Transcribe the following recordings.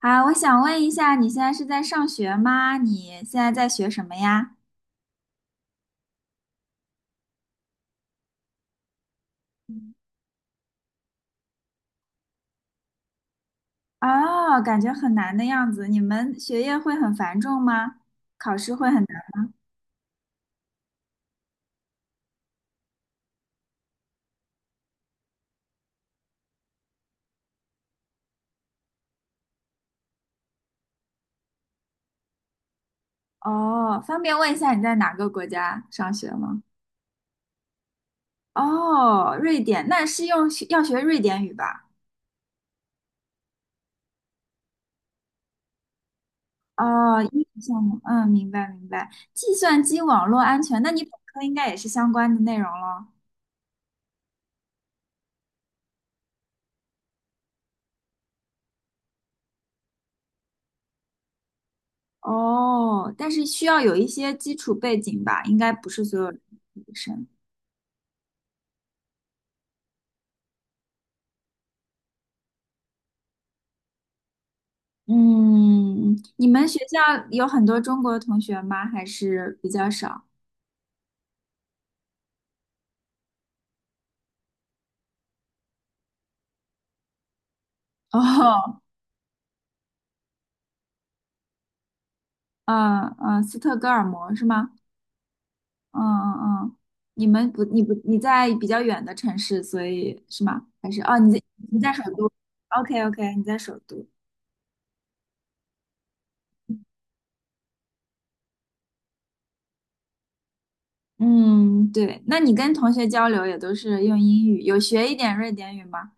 啊，我想问一下，你现在是在上学吗？你现在在学什么呀？哦，感觉很难的样子。你们学业会很繁重吗？考试会很难？哦，方便问一下你在哪个国家上学吗？哦，瑞典，那是要学瑞典语吧？哦，英语项目，嗯，明白明白。计算机网络安全，那你本科应该也是相关的内容了。哦，但是需要有一些基础背景吧，应该不是所有女生。嗯，你们学校有很多中国同学吗？还是比较少？哦，嗯嗯，斯特哥尔摩是吗？嗯嗯嗯，你们不，你不，你在比较远的城市，所以是吗？还是哦，你在首都？OK OK，你在首都。嗯，对，那你跟同学交流也都是用英语，有学一点瑞典语吗？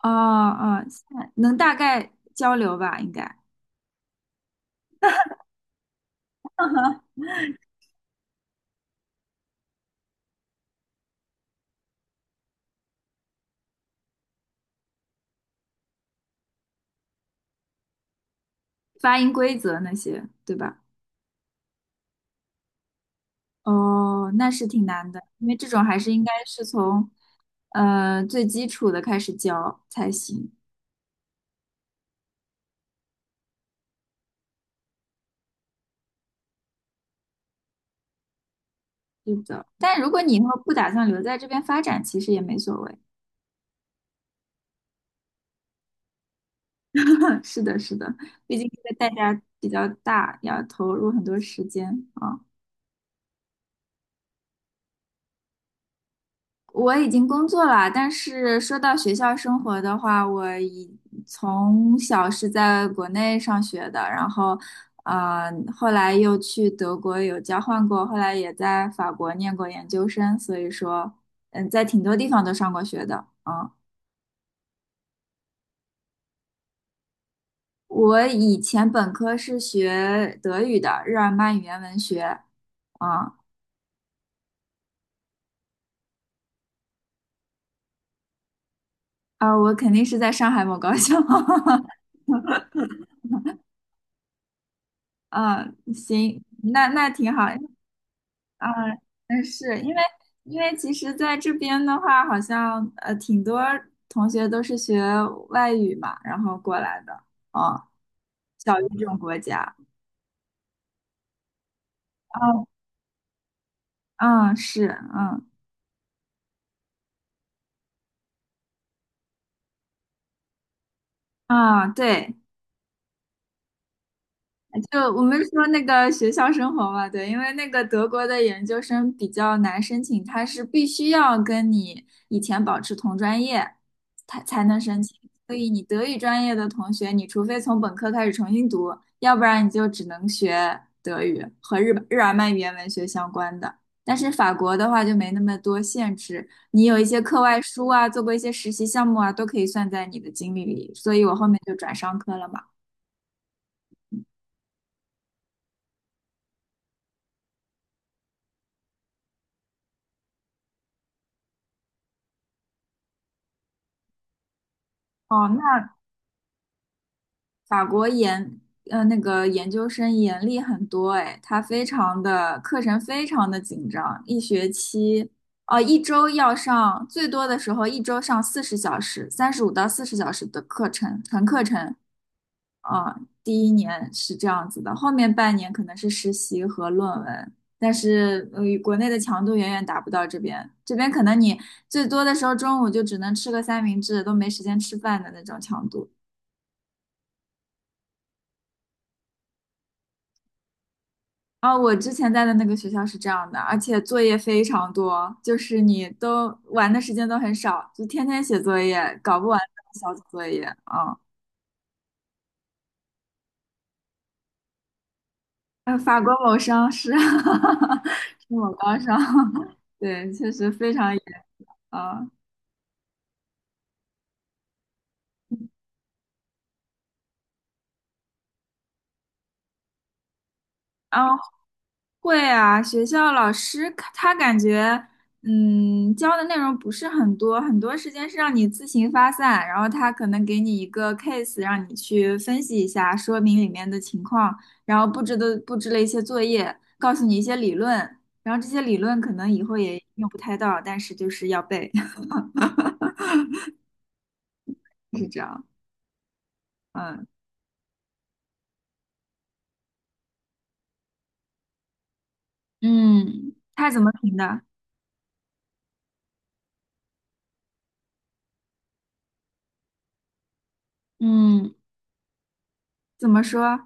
哦哦，现在能大概交流吧，应该发音规则那些，对吧？哦，那是挺难的，因为这种还是应该是从最基础的开始教才行。是的，但如果你以后不打算留在这边发展，其实也没所谓。是的，是的，毕竟这个代价比较大，要投入很多时间啊。我已经工作了，但是说到学校生活的话，从小是在国内上学的，然后，后来又去德国有交换过，后来也在法国念过研究生，所以说，嗯，在挺多地方都上过学的。嗯，我以前本科是学德语的，日耳曼语言文学。啊啊，我肯定是在上海某高校。嗯，行，那挺好。啊，嗯，是因为其实在这边的话，好像挺多同学都是学外语嘛，然后过来的，啊，小语种国家，哦，嗯，是，嗯，啊，对，就我们说那个学校生活嘛，对，因为那个德国的研究生比较难申请，他是必须要跟你以前保持同专业，才能申请。所以你德语专业的同学，你除非从本科开始重新读，要不然你就只能学德语和日耳曼语言文学相关的。但是法国的话就没那么多限制，你有一些课外书啊，做过一些实习项目啊，都可以算在你的经历里。所以我后面就转商科了嘛。哦，那法国研呃那个研究生严厉很多，哎，他非常的课程非常的紧张，一学期哦、一周要上最多的时候一周上40小时，35到40小时的课程纯课程啊、第一年是这样子的，后面半年可能是实习和论文。但是，国内的强度远远达不到这边。这边可能你最多的时候中午就只能吃个三明治，都没时间吃饭的那种强度。啊，我之前在的那个学校是这样的，而且作业非常多，就是你都玩的时间都很少，就天天写作业，搞不完的小组作业啊。法国某商是 是某高商，对，确实非常严啊。啊，会啊，学校老师他感觉，嗯，教的内容不是很多，很多时间是让你自行发散，然后他可能给你一个 case，让你去分析一下，说明里面的情况，然后布置了一些作业，告诉你一些理论，然后这些理论可能以后也用不太到，但是就是要背，是这样，嗯嗯，他怎么评的？嗯，怎么说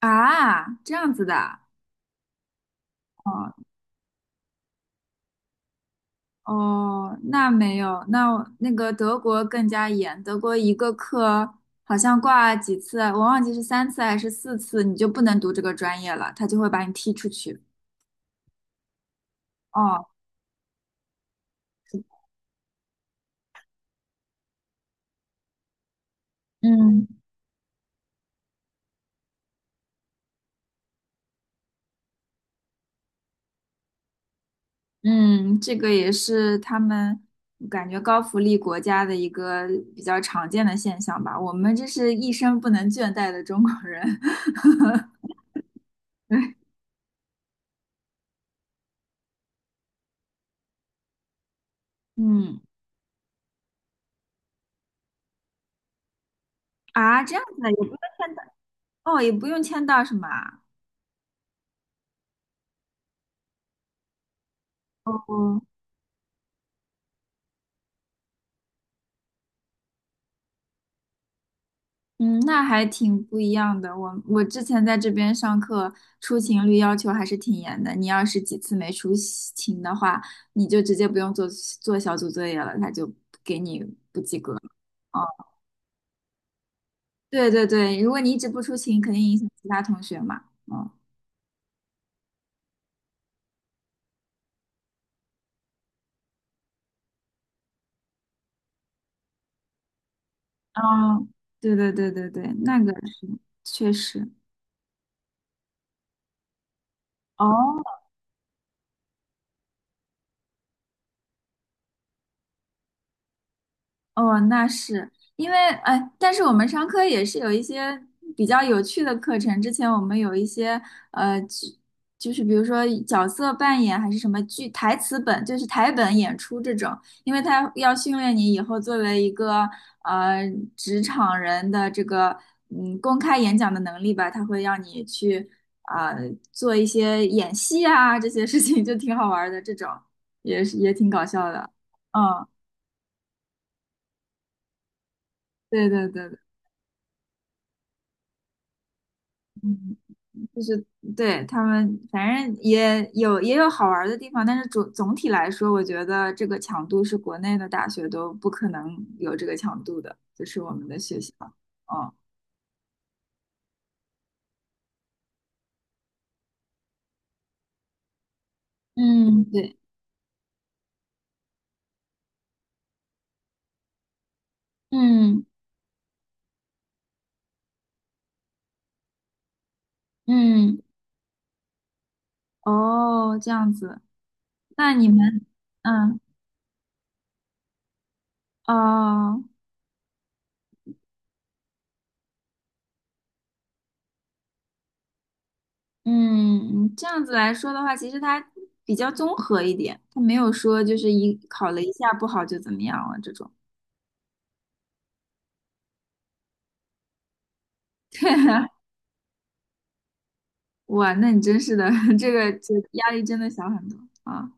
啊？这样子的。哦。哦，那没有，那那个德国更加严，德国一个课好像挂几次啊，我忘记是3次还是4次，你就不能读这个专业了，他就会把你踢出去。哦，嗯嗯，这个也是他们感觉高福利国家的一个比较常见的现象吧。我们这是一生不能倦怠的中国人。嗯啊，这样子啊也不用签到，哦，也不用签到是吗？哦嗯，那还挺不一样的。我之前在这边上课，出勤率要求还是挺严的。你要是几次没出勤的话，你就直接不用做小组作业了，他就给你不及格。哦，对对对，如果你一直不出勤，肯定影响其他同学嘛。嗯，哦，对对对对对，那个确实。哦，哦，那是因为哎，但是我们商科也是有一些比较有趣的课程。之前我们有一些呃，就就是比如说角色扮演还是什么剧台词本，就是台本演出这种，因为它要训练你以后作为一个呃职场人的这个嗯公开演讲的能力吧，它会让你去啊、做一些演戏啊这些事情，就挺好玩儿的。这种也是也挺搞笑的。嗯，对对对对，嗯。就是对他们，反正也有好玩儿的地方，但是总体来说，我觉得这个强度是国内的大学都不可能有这个强度的，就是我们的学校。哦，嗯，对，嗯嗯，哦，这样子，那你们，嗯，哦，嗯，这样子来说的话，其实它比较综合一点，它没有说就是一考了一下不好就怎么样了这种。对。哇，那你真是的，这个就压力真的小很多啊。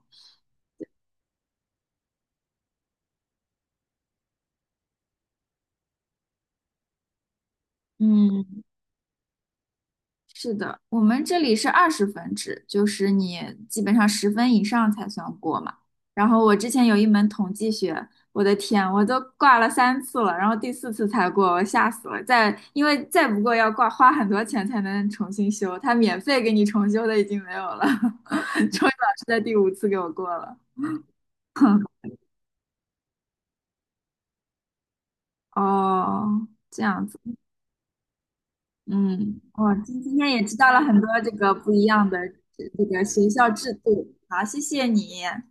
嗯，我们这里是20分制，就是你基本上十分以上才算过嘛。然后我之前有一门统计学，我的天，我都挂了三次了，然后第四次才过，我吓死了。再因为再不过要挂花很多钱才能重新修，他免费给你重修的已经没有了。终于老师在第五次给我过了。哦，这样子。嗯，我今天也知道了很多这个不一样的这个学校制度。好，谢谢你啊，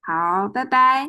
好，拜拜。